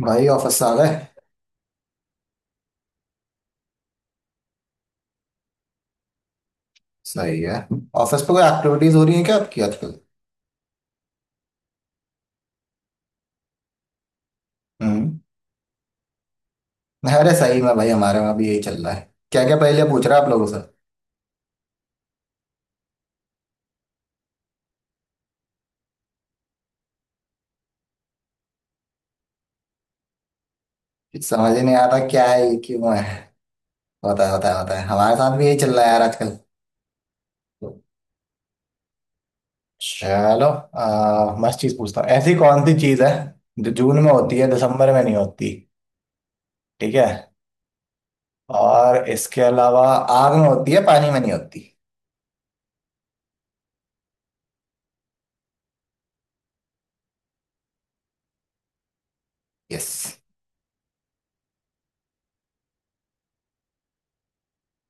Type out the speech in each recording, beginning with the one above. भाई ऑफिस से आ गए। सही है। ऑफिस पे कोई एक्टिविटीज हो रही है क्या आपकी आजकल? हम्म। अरे सही में भाई हमारे वहाँ भी यही चल रहा है, क्या क्या पहले पूछ रहा आप लोगों से। कुछ समझ ही नहीं आता क्या है ये, क्यों है। होता है। हमारे साथ भी यही चल रहा है यार आजकल। चलो मस्त चीज पूछता हूँ। ऐसी कौन सी चीज है जो जून में होती है दिसंबर में नहीं होती। ठीक है। और इसके अलावा आग में होती है पानी में नहीं होती। यस।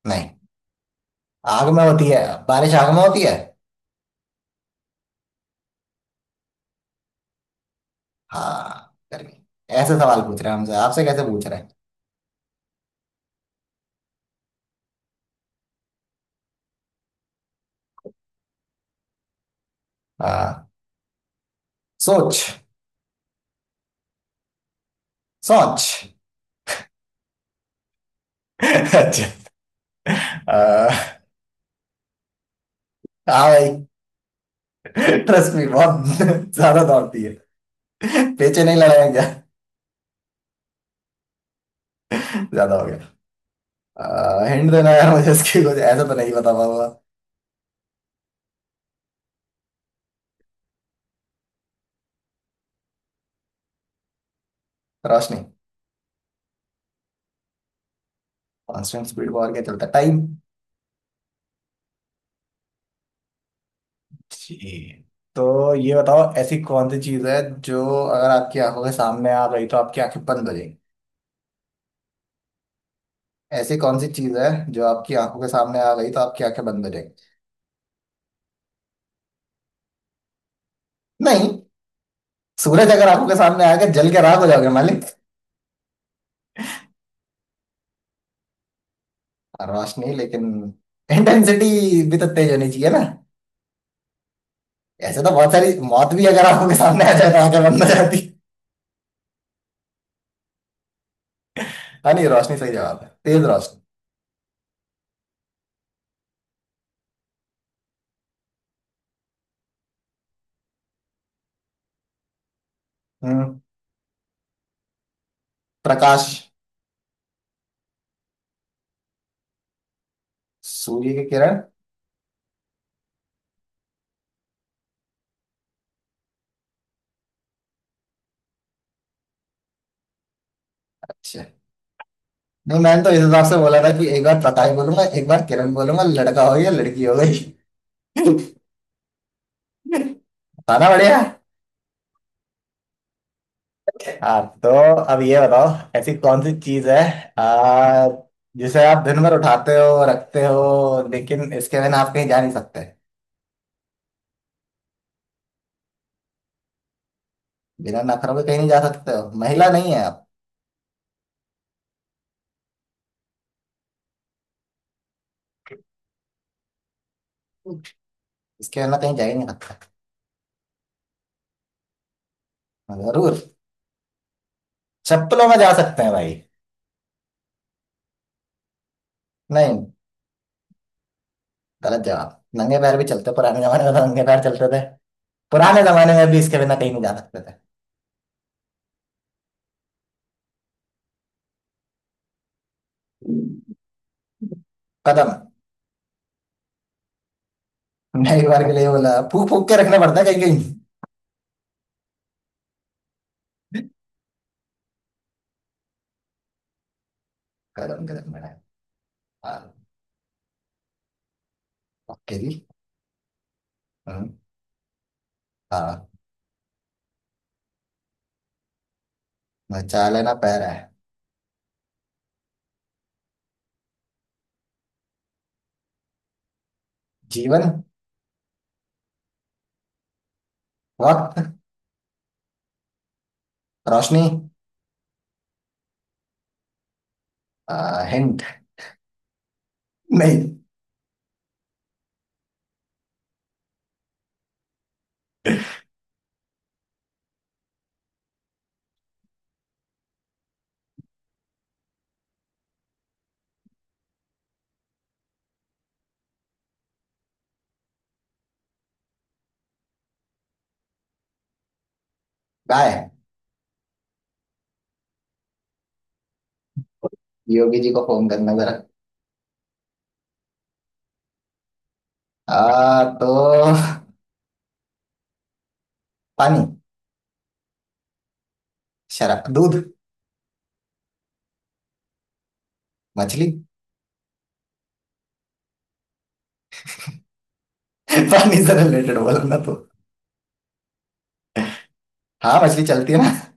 नहीं, आग में होती है। बारिश आग में होती है। हाँ, गर्मी। ऐसे सवाल पूछ रहे हैं हमसे, आपसे कैसे पूछ रहे हैं। हाँ। सोच। सोच। अच्छा। आ, हाँ भाई, ट्रस्ट मी बहुत ज्यादा दौड़ती है। पेचे नहीं लड़ाया क्या? ज्यादा हो गया। हिंट देना यार मुझे इसकी, कुछ ऐसा तो नहीं बता पाऊंगा। रोशनी। कांस्टेंट स्पीड पर और क्या चलता है? टाइम। जी। तो ये बताओ, ऐसी कौन सी चीज है जो अगर आपकी आंखों के सामने आ गई तो आपकी आंखें बंद हो। ऐसी कौन सी चीज है जो आपकी आंखों के सामने आ गई तो आपकी आंखें बंद हो जाएंगी। नहीं। सूरज अगर आंखों के सामने आ गया जल के राख हो जाओगे मालिक। रोशनी, लेकिन इंटेंसिटी भी तो तेज होनी चाहिए ना। ऐसे तो बहुत सारी मौत भी अगर आंखों के सामने आ जाए तो आंखें बंद हो जाती। हाँ नहीं, रोशनी सही जवाब है, तेज रोशनी। हम्म। प्रकाश। सूर्य की किरण। अच्छा। नहीं, मैंने तो इस हिसाब से बोला था कि एक बार प्रकाश बोलूंगा एक बार किरण बोलूंगा, लड़का हो गया लड़की हो गई। था ना बढ़िया। हाँ तो अब ये बताओ, ऐसी कौन सी चीज है आ, जिसे आप दिन भर उठाते हो रखते हो लेकिन इसके बिना आप कहीं जा नहीं सकते। बिना नखरों के कहीं नहीं जा सकते हो? महिला नहीं है आप। इसके बिना कहीं जा ही नहीं सकते। हाँ, जरूर। चप्पलों में जा सकते हैं भाई। नहीं, गलत जवाब। नंगे पैर भी चलते, पुराने जमाने में तो नंगे पैर चलते थे। पुराने जमाने में भी इसके बिना कहीं नहीं जा सकते थे। कदम। मैं एक बार के लिए बोला, फूक फूक के रखने पड़ते हैं कहीं कहीं। कदम कदम बड़ा। हाँ। ओके जी। हम्म। हाँ। बचा लेना, पैर है। जीवन। वक्त। रोशनी। हिंट। नहीं। गाय। योगी जी को फोन करना जरा। तो पानी। शराब, दूध। मछली। पानी से रिलेटेड बोलना तो। हाँ मछली चलती है ना।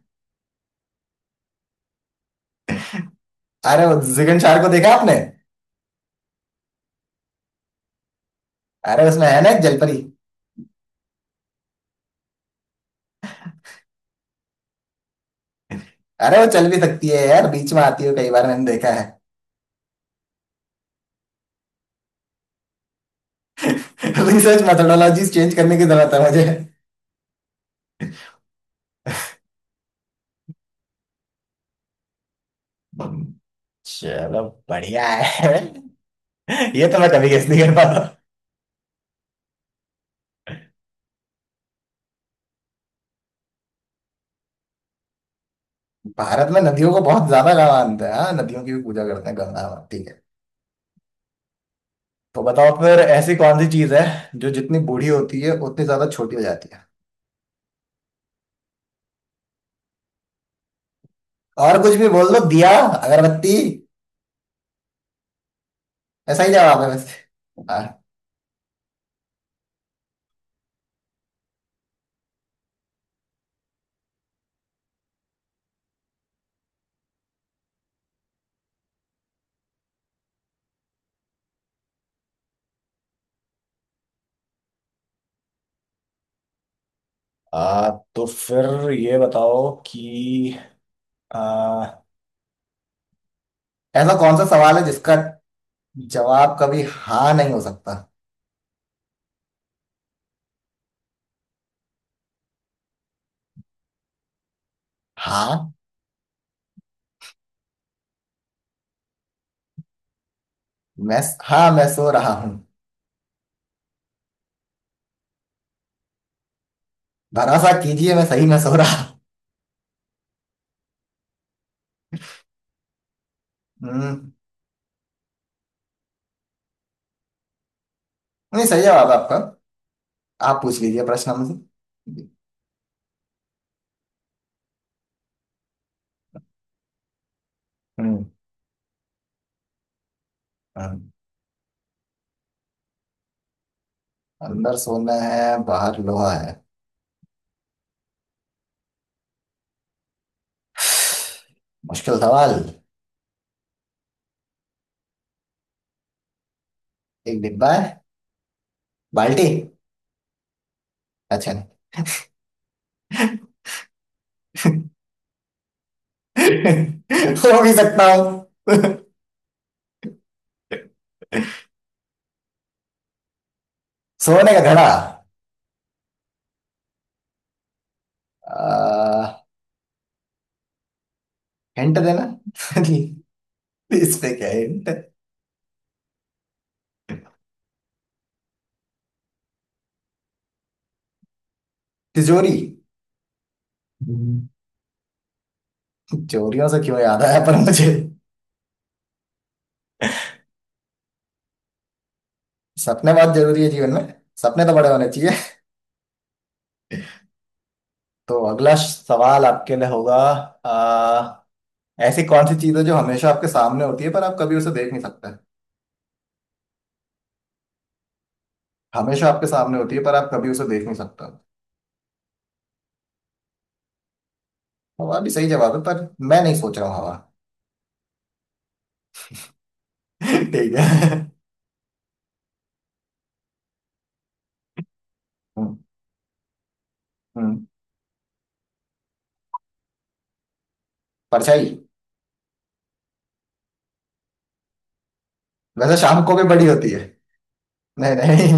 अरे वो जिगन चार को देखा आपने? अरे उसमें है ना एक जलपरी। अरे वो चल भी सकती है यार, बीच में आती है कई बार मैंने देखा है। रिसर्च मेथोडोलॉजी चेंज करने की जरूरत है मुझे। चलो, बढ़िया है। ये तो मैं कभी गेस नहीं कर पाता। भारत में नदियों को बहुत ज्यादा का मानते हैं, हाँ नदियों की भी पूजा करते हैं, गंगा माता है। तो बताओ फिर, ऐसी कौन सी चीज है जो जितनी बूढ़ी होती है उतनी ज्यादा छोटी हो जाती है। और कुछ भी बोल दो, दिया, अगरबत्ती। ऐसा ही जवाब है वैसे। हाँ। आ, तो फिर ये बताओ कि आ, ऐसा कौन सा सवाल है जिसका जवाब कभी हाँ नहीं हो सकता। हाँ, मैं। हाँ, मैं सो रहा हूँ। भरोसा कीजिए मैं सही में सो रहा हूँ। हम्म। नहीं सही जवाब है आपका। आप पूछ लीजिए प्रश्न हमसे। हम्म। हाँ। अंदर सोना है बाहर लोहा है। मुश्किल सवाल। एक डिब्बा है। बाल्टी। अच्छा, नहीं। हो भी सकता हूँ। सोने का घड़ा। आ, हिंट देना। इस पे क्या हिंट? तिजोरी। हम्म। तिजोरियों से क्यों याद आया पर मुझे। सपने बहुत जरूरी है जीवन में। सपने तो बड़े होने चाहिए। तो अगला सवाल आपके लिए होगा। आ, ऐसी कौन सी चीज है जो हमेशा आपके सामने होती है पर आप कभी उसे देख नहीं सकते। हमेशा आपके सामने होती है पर आप कभी उसे देख नहीं सकते हो। हवा भी सही जवाब है, पर मैं नहीं सोच रहा हूँ हवा। ठीक है। हम्म। हम्म। परछाई। वैसे शाम को भी बड़ी होती है। नहीं नहीं।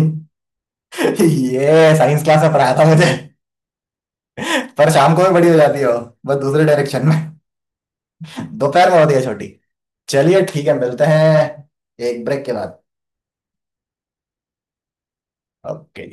ये साइंस क्लास में पढ़ाया था मुझे। पर शाम को भी बड़ी हो जाती है वो, बस दूसरे डायरेक्शन में। दोपहर में होती है छोटी। चलिए ठीक है, मिलते हैं एक ब्रेक के बाद। ओके।